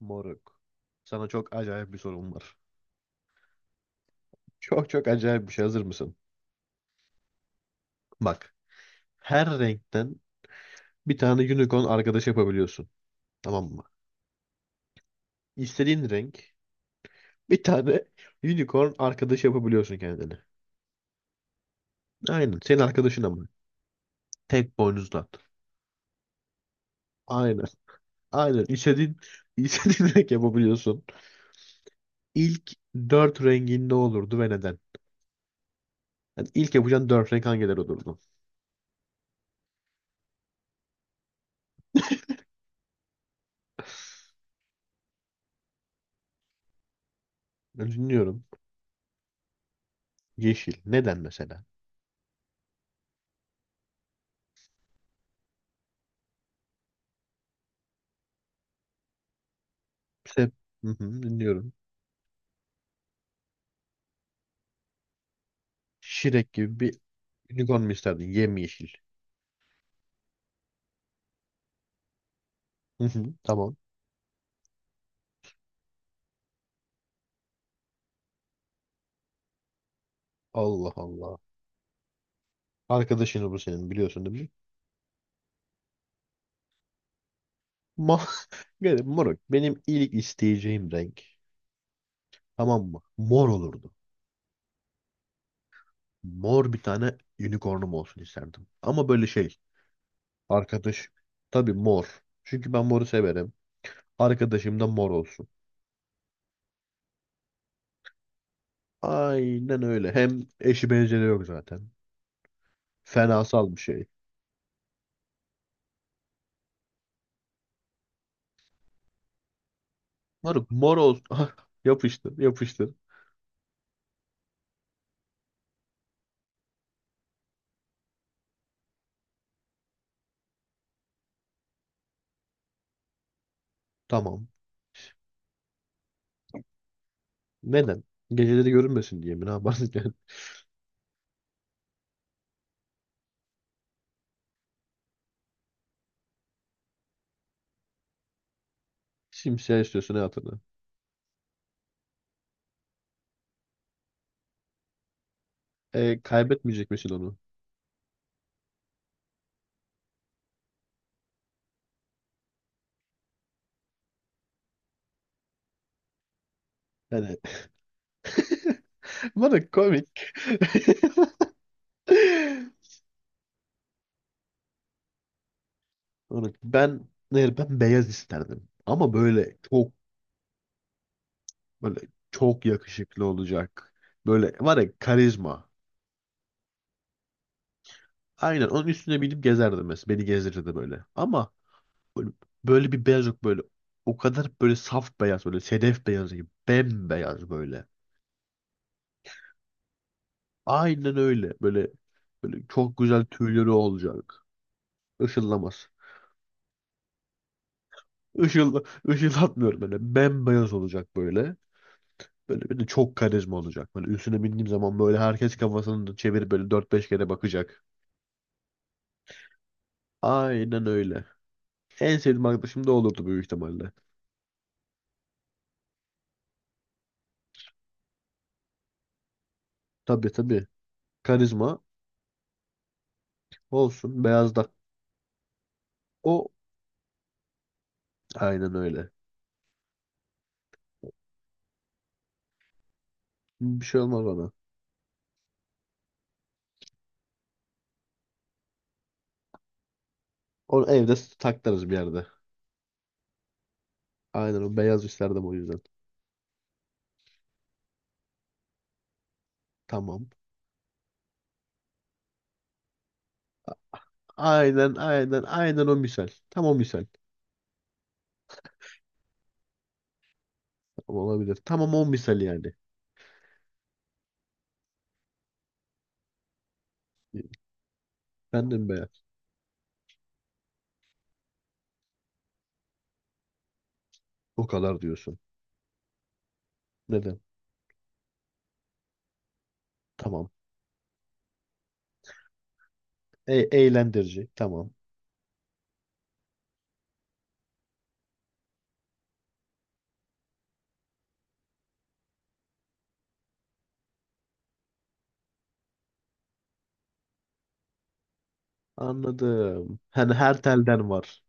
Moruk. Sana çok acayip bir sorum var. Çok çok acayip bir şey. Hazır mısın? Bak. Her renkten bir tane unicorn arkadaş yapabiliyorsun. Tamam mı? İstediğin renk bir tane unicorn arkadaş yapabiliyorsun kendine. Aynen. Senin arkadaşın ama. Tek boynuzlu. Aynen. Aynen. İstediğin, istediğin renk yapabiliyorsun. İlk dört rengin ne olurdu ve neden? Yani ilk yapacağın dört renk hangileri olurdu? Ben dinliyorum. Yeşil. Neden mesela? Se- Hı hı, dinliyorum. Şirek gibi bir unicorn mu isterdin? Yemyeşil. Hı hı, tamam. Allah Allah. Arkadaşını bu senin biliyorsun değil mi? Ma Gel, moruk. Benim ilk isteyeceğim renk. Tamam mı? Mor olurdu. Mor bir tane unicornum olsun isterdim. Ama böyle şey. Arkadaş. Tabii mor. Çünkü ben moru severim. Arkadaşım da mor olsun. Aynen öyle. Hem eşi benzeri yok zaten. Fenasal bir şey. Moruk mor olsun. Yapıştır yapıştır. Tamam. Neden? Geceleri görünmesin diye mi? Ne yaparsın yani? Simsiyah istiyorsun hayatını. E, kaybetmeyecek misin onu? Yani. Bana komik. Ben hayır, ben beyaz isterdim. Ama böyle böyle çok yakışıklı olacak. Böyle var ya karizma. Aynen onun üstüne binip gezerdim mesela. Beni gezdirirdi böyle. Ama böyle, böyle bir beyaz yok böyle. O kadar böyle saf beyaz böyle sedef beyazı gibi. Bembeyaz böyle. Aynen öyle. Böyle çok güzel tüyleri olacak. Işıllamaz. Işıl, ışıldatmıyorum böyle. Bembeyaz olacak böyle. Böyle bir de çok karizma olacak. Böyle üstüne bindiğim zaman böyle herkes kafasını çevirip böyle dört beş kere bakacak. Aynen öyle. En sevdiğim arkadaşım da olurdu büyük ihtimalle. Tabii tabii. Karizma olsun. Beyaz da. O aynen öyle. Bir şey olmaz ona. Onu evde saklarız bir yerde. Aynen o beyaz isterdim o yüzden. Tamam. Aynen aynen aynen o misal. Tam o misal. Tamam, olabilir. Tamam o misal yani. Ben Efendim be. O kadar diyorsun. Neden? Tamam. E eğlendirici. Tamam. Anladım. Hani her telden var.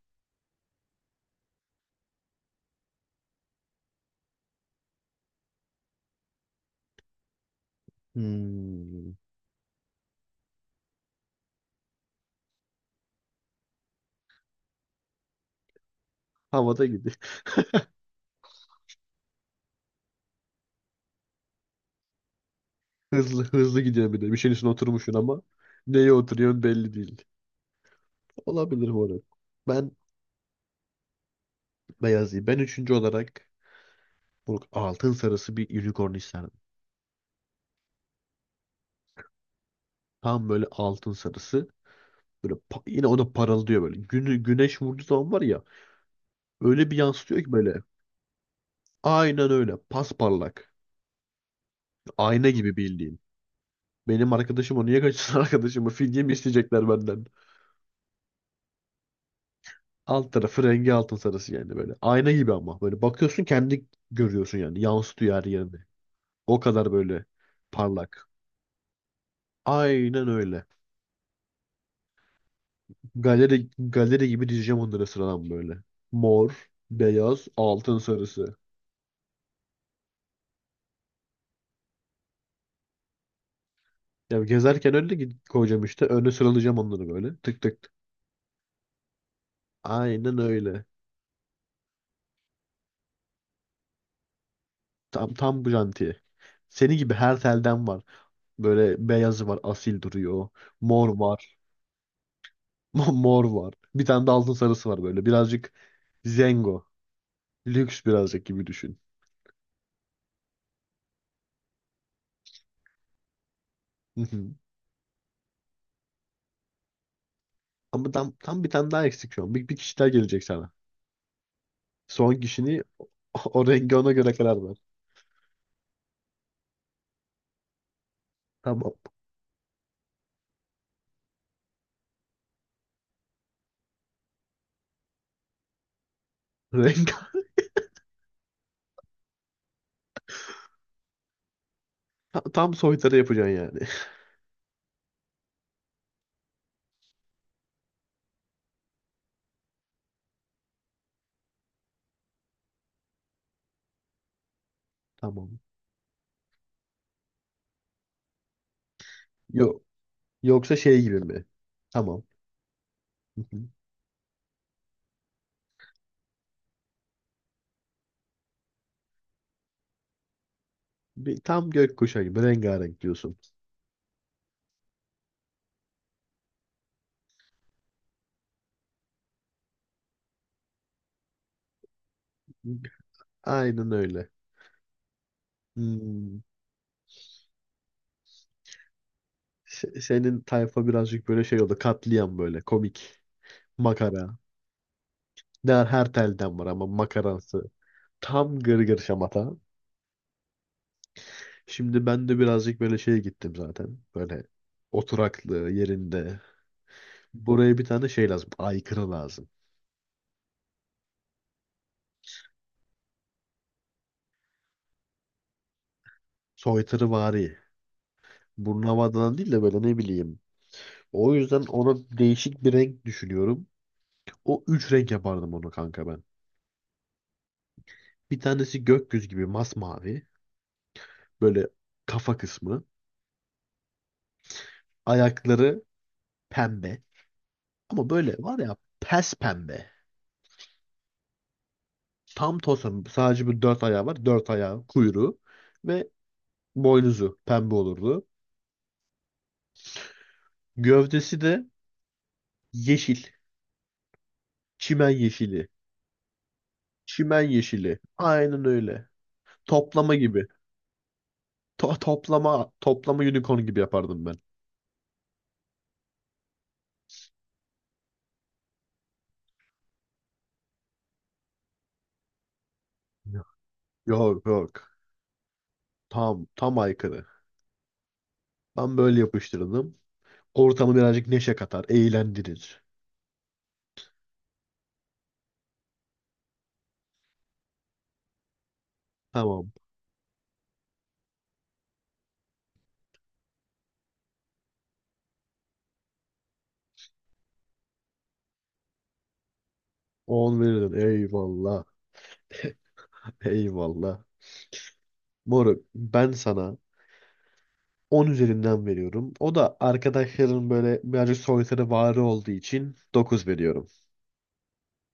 Hmm. Havada gidiyor. Hızlı hızlı gidiyor bir de. Bir şeyin üstüne oturmuşsun ama neye oturuyorsun belli değil. Olabilir bu arada. Ben Beyazı. Ben üçüncü olarak bu altın sarısı bir unicorn isterdim. Tam böyle altın sarısı. Böyle yine o da parıldıyor böyle. Güneş vurduğu zaman var ya öyle bir yansıtıyor ki böyle. Aynen öyle. Pasparlak. Ayna gibi bildiğin. Benim arkadaşım o niye kaçırsın arkadaşımı? Fidye mi isteyecekler benden? Alt tarafı rengi altın sarısı yani böyle. Ayna gibi ama. Böyle bakıyorsun kendi görüyorsun yani. Yansıtıyor her yerini. O kadar böyle parlak. Aynen öyle. Galeri gibi dizeceğim onları sıradan böyle. Mor, beyaz, altın sarısı. Ya gezerken önüne gidip koyacağım işte. Öne sıralayacağım onları böyle. Tık tık. Tık. Aynen öyle. Tam tam bu jantiye. Seni gibi her telden var. Böyle beyazı var, asil duruyor. Mor var. Mor var. Bir tane de altın sarısı var böyle. Birazcık zengo. Lüks birazcık gibi düşün. Hı hı. Ama tam bir tane daha eksik şu an. Bir kişi daha gelecek sana. Son kişini o, rengi ona göre karar ver. Tamam. Renk tam tam soytarı yapacaksın yani. Tamam. Yok. Yoksa şey gibi mi? Tamam. Hı hı. Bir, tam gökkuşağı gibi rengarenk diyorsun. Aynen öyle. Hmm. Senin tayfa birazcık böyle şey oldu. Katliam böyle komik. Makara. Der her telden var ama makaransı. Tam gırgır şamata. Şimdi ben de birazcık böyle şeye gittim zaten. Böyle oturaklı yerinde. Buraya bir tane şey lazım. Aykırı lazım. Soytarıvari. Burnavadan değil de böyle ne bileyim. O yüzden ona değişik bir renk düşünüyorum. O üç renk yapardım onu kanka ben. Bir tanesi gökyüzü gibi masmavi. Böyle kafa kısmı. Ayakları pembe. Ama böyle var ya pes pembe. Tam tosun. Sadece bu dört ayağı var. Dört ayağı, kuyruğu ve boynuzu pembe olurdu. Gövdesi de yeşil. Çimen yeşili. Çimen yeşili. Aynen öyle. Toplama gibi. Toplama toplama unicorn gibi yapardım ben. Yok yok. Yok. Tam tam aykırı. Ben böyle yapıştırdım. Ortamı birazcık neşe katar, eğlendirir. Tamam. On verirdin. Eyvallah. Eyvallah. Moruk ben sana 10 üzerinden veriyorum. O da arkadaşların böyle birazcık soytarı varı olduğu için 9 veriyorum.